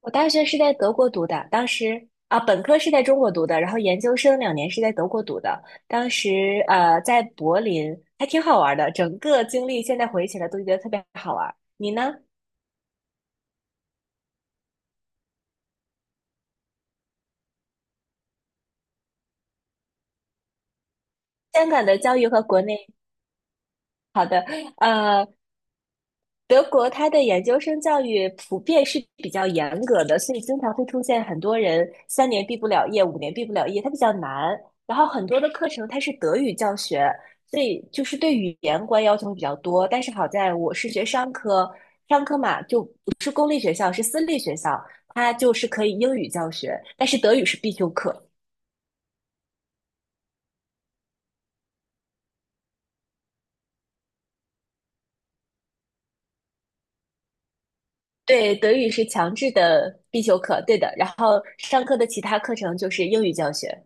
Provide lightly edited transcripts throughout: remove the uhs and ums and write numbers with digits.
我大学是在德国读的，当时啊，本科是在中国读的，然后研究生2年是在德国读的。当时在柏林还挺好玩的，整个经历现在回忆起来都觉得特别好玩。你呢？香港的教育和国内好的，呃，德国它的研究生教育普遍是比较严格的，所以经常会出现很多人3年毕不了业，5年毕不了业，它比较难。然后很多的课程它是德语教学，所以就是对语言关要求比较多。但是好在我是学商科，商科嘛就不是公立学校，是私立学校，它就是可以英语教学，但是德语是必修课。对，德语是强制的必修课，对的。然后上课的其他课程就是英语教学。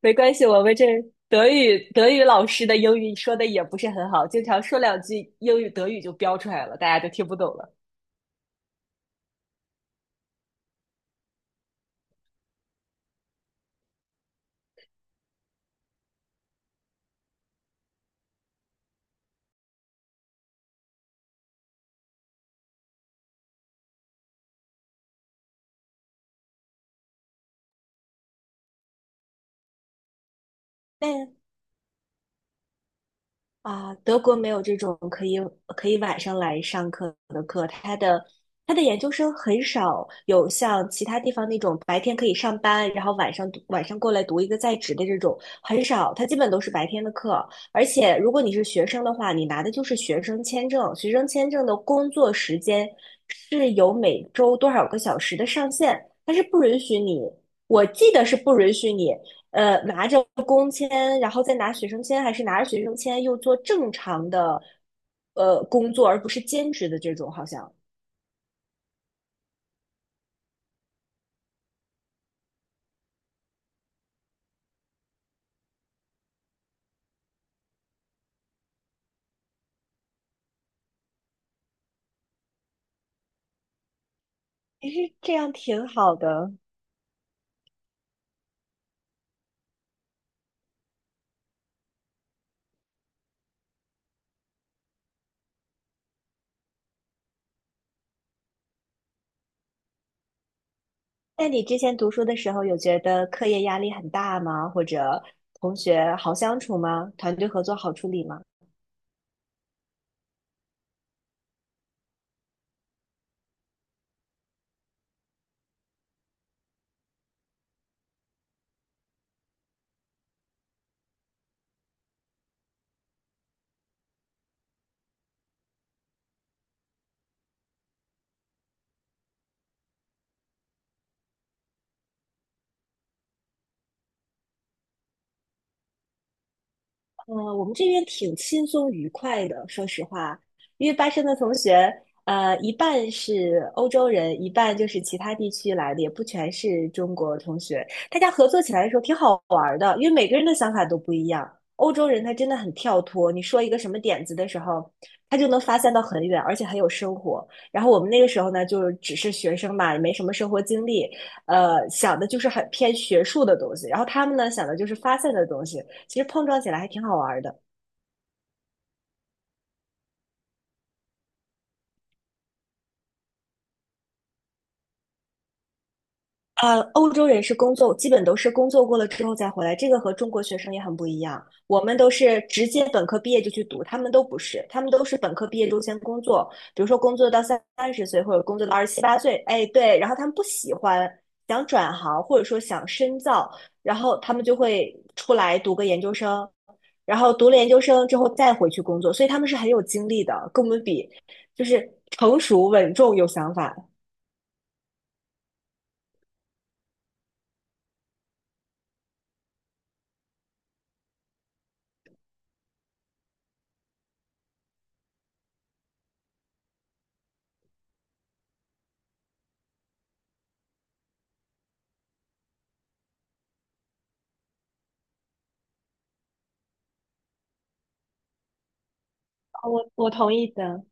没关系，我们这德语老师的英语说的也不是很好，经常说2句英语德语就飙出来了，大家就听不懂了。啊，德国没有这种可以晚上来上课的课，他的研究生很少有像其他地方那种白天可以上班，然后晚上过来读一个在职的这种很少，他基本都是白天的课。而且如果你是学生的话，你拿的就是学生签证，学生签证的工作时间是有每周多少个小时的上限，它是不允许你，我记得是不允许你拿着工签，然后再拿学生签，还是拿着学生签又做正常的工作，而不是兼职的这种，好像。其实这样挺好的。那你之前读书的时候，有觉得课业压力很大吗？或者同学好相处吗？团队合作好处理吗？我们这边挺轻松愉快的，说实话，因为巴生的同学，一半是欧洲人，一半就是其他地区来的，也不全是中国同学。大家合作起来的时候挺好玩儿的，因为每个人的想法都不一样。欧洲人他真的很跳脱，你说一个什么点子的时候，他就能发散到很远，而且很有生活。然后我们那个时候呢，就只是学生嘛，也没什么生活经历，想的就是很偏学术的东西。然后他们呢，想的就是发现的东西，其实碰撞起来还挺好玩的。欧洲人是工作，基本都是工作过了之后再回来，这个和中国学生也很不一样。我们都是直接本科毕业就去读，他们都不是，他们都是本科毕业之后先工作，比如说工作到三十岁或者工作到二十七八岁，哎，对，然后他们不喜欢，想转行或者说想深造，然后他们就会出来读个研究生，然后读了研究生之后再回去工作，所以他们是很有精力的，跟我们比，就是成熟、稳重、有想法。哦我同意的。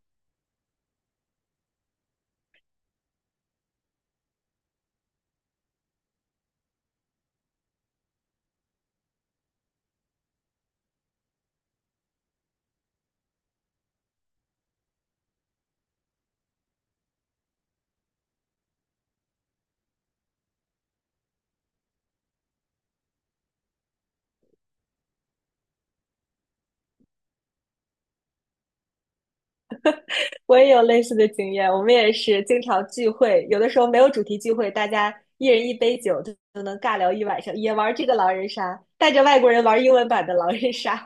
我也有类似的经验，我们也是经常聚会，有的时候没有主题聚会，大家一人一杯酒就能尬聊一晚上，也玩这个狼人杀，带着外国人玩英文版的狼人杀，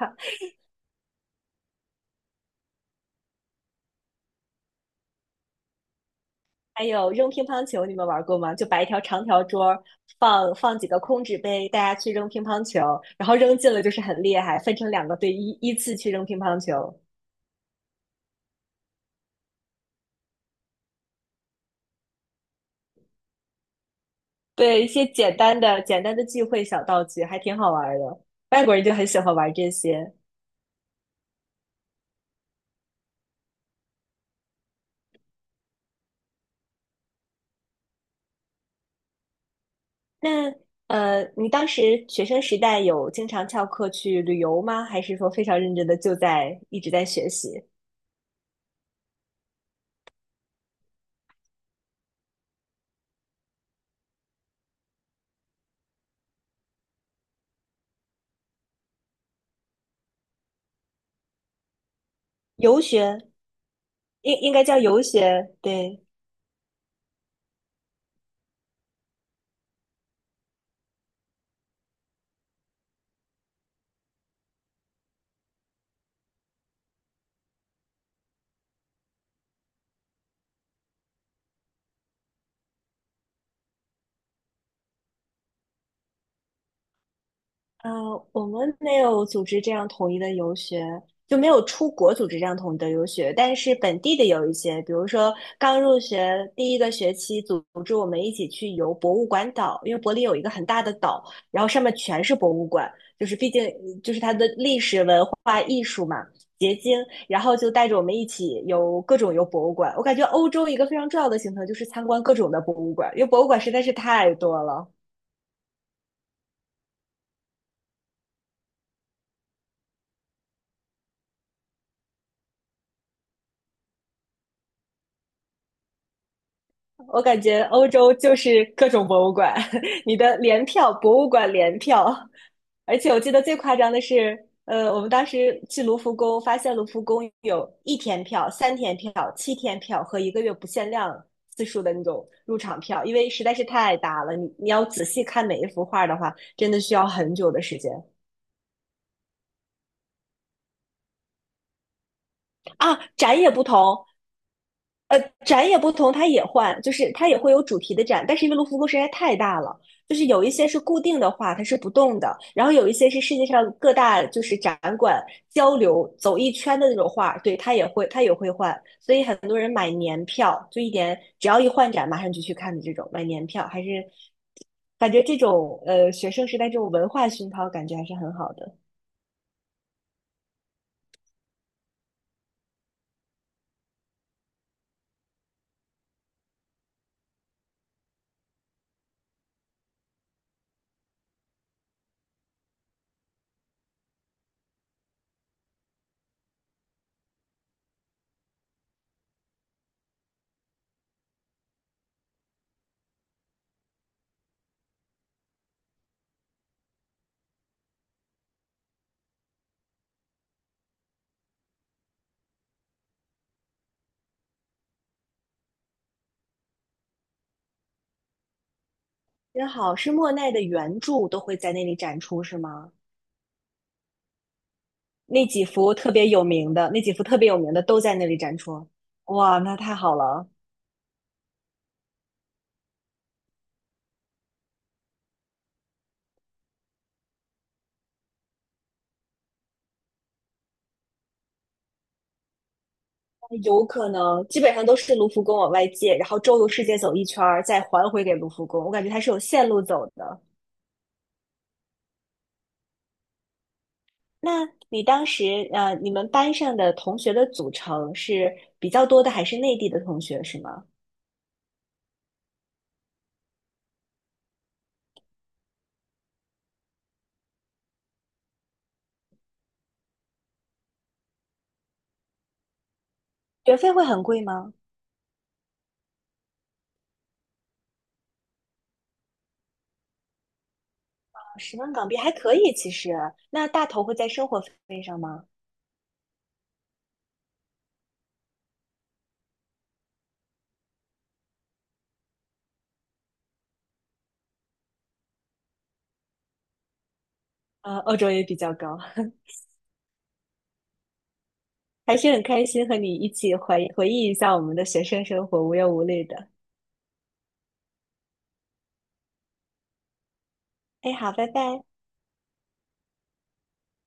还有扔乒乓球，你们玩过吗？就摆一条长条桌，放几个空纸杯，大家去扔乒乓球，然后扔进了就是很厉害，分成2个队依次去扔乒乓球。对，一些简单的聚会小道具还挺好玩的，外国人就很喜欢玩这些。那你当时学生时代有经常翘课去旅游吗？还是说非常认真的就在一直在学习？游学应该叫游学，对，呃，我们没有组织这样统一的游学，就没有出国组织这样统一的游学，但是本地的有一些，比如说刚入学第一个学期，组织我们一起去游博物馆岛，因为柏林有一个很大的岛，然后上面全是博物馆，毕竟就是它的历史文化艺术嘛。结晶，然后就带着我们一起游各种游博物馆。我感觉欧洲一个非常重要的行程就是参观各种的博物馆，因为博物馆实在是太多了。我感觉欧洲就是各种博物馆，你的联票，博物馆联票。而且我记得最夸张的是，我们当时去卢浮宫，发现卢浮宫有1天票、3天票、7天票和1个月不限量次数的那种入场票，因为实在是太大了，你要仔细看每一幅画的话，真的需要很久的时间啊。呃，展也不同，它也换，就是它也会有主题的展，但是因为卢浮宫实在太大了，就是有一些是固定的画，它是不动的，然后有一些是世界上各大就是展馆交流走一圈的那种画，对，它也会换，所以很多人买年票，就一点只要一换展马上就去看的这种，买年票还是感觉这种学生时代这种文化熏陶感觉还是很好的。真好，是莫奈的原著都会在那里展出，是吗？那几幅特别有名的都在那里展出。哇，那太好了！有可能基本上都是卢浮宫往外借，然后周游世界走一圈儿，再还回给卢浮宫。我感觉它是有线路走的。那你当时你们班上的同学的组成是比较多的，还是内地的同学是吗？学费会很贵吗？啊10万港币还可以，其实。那大头会在生活费上吗？欧洲也比较高。还是很开心和你一起回忆一下我们的学生生活，无忧无虑的。哎，好，拜拜。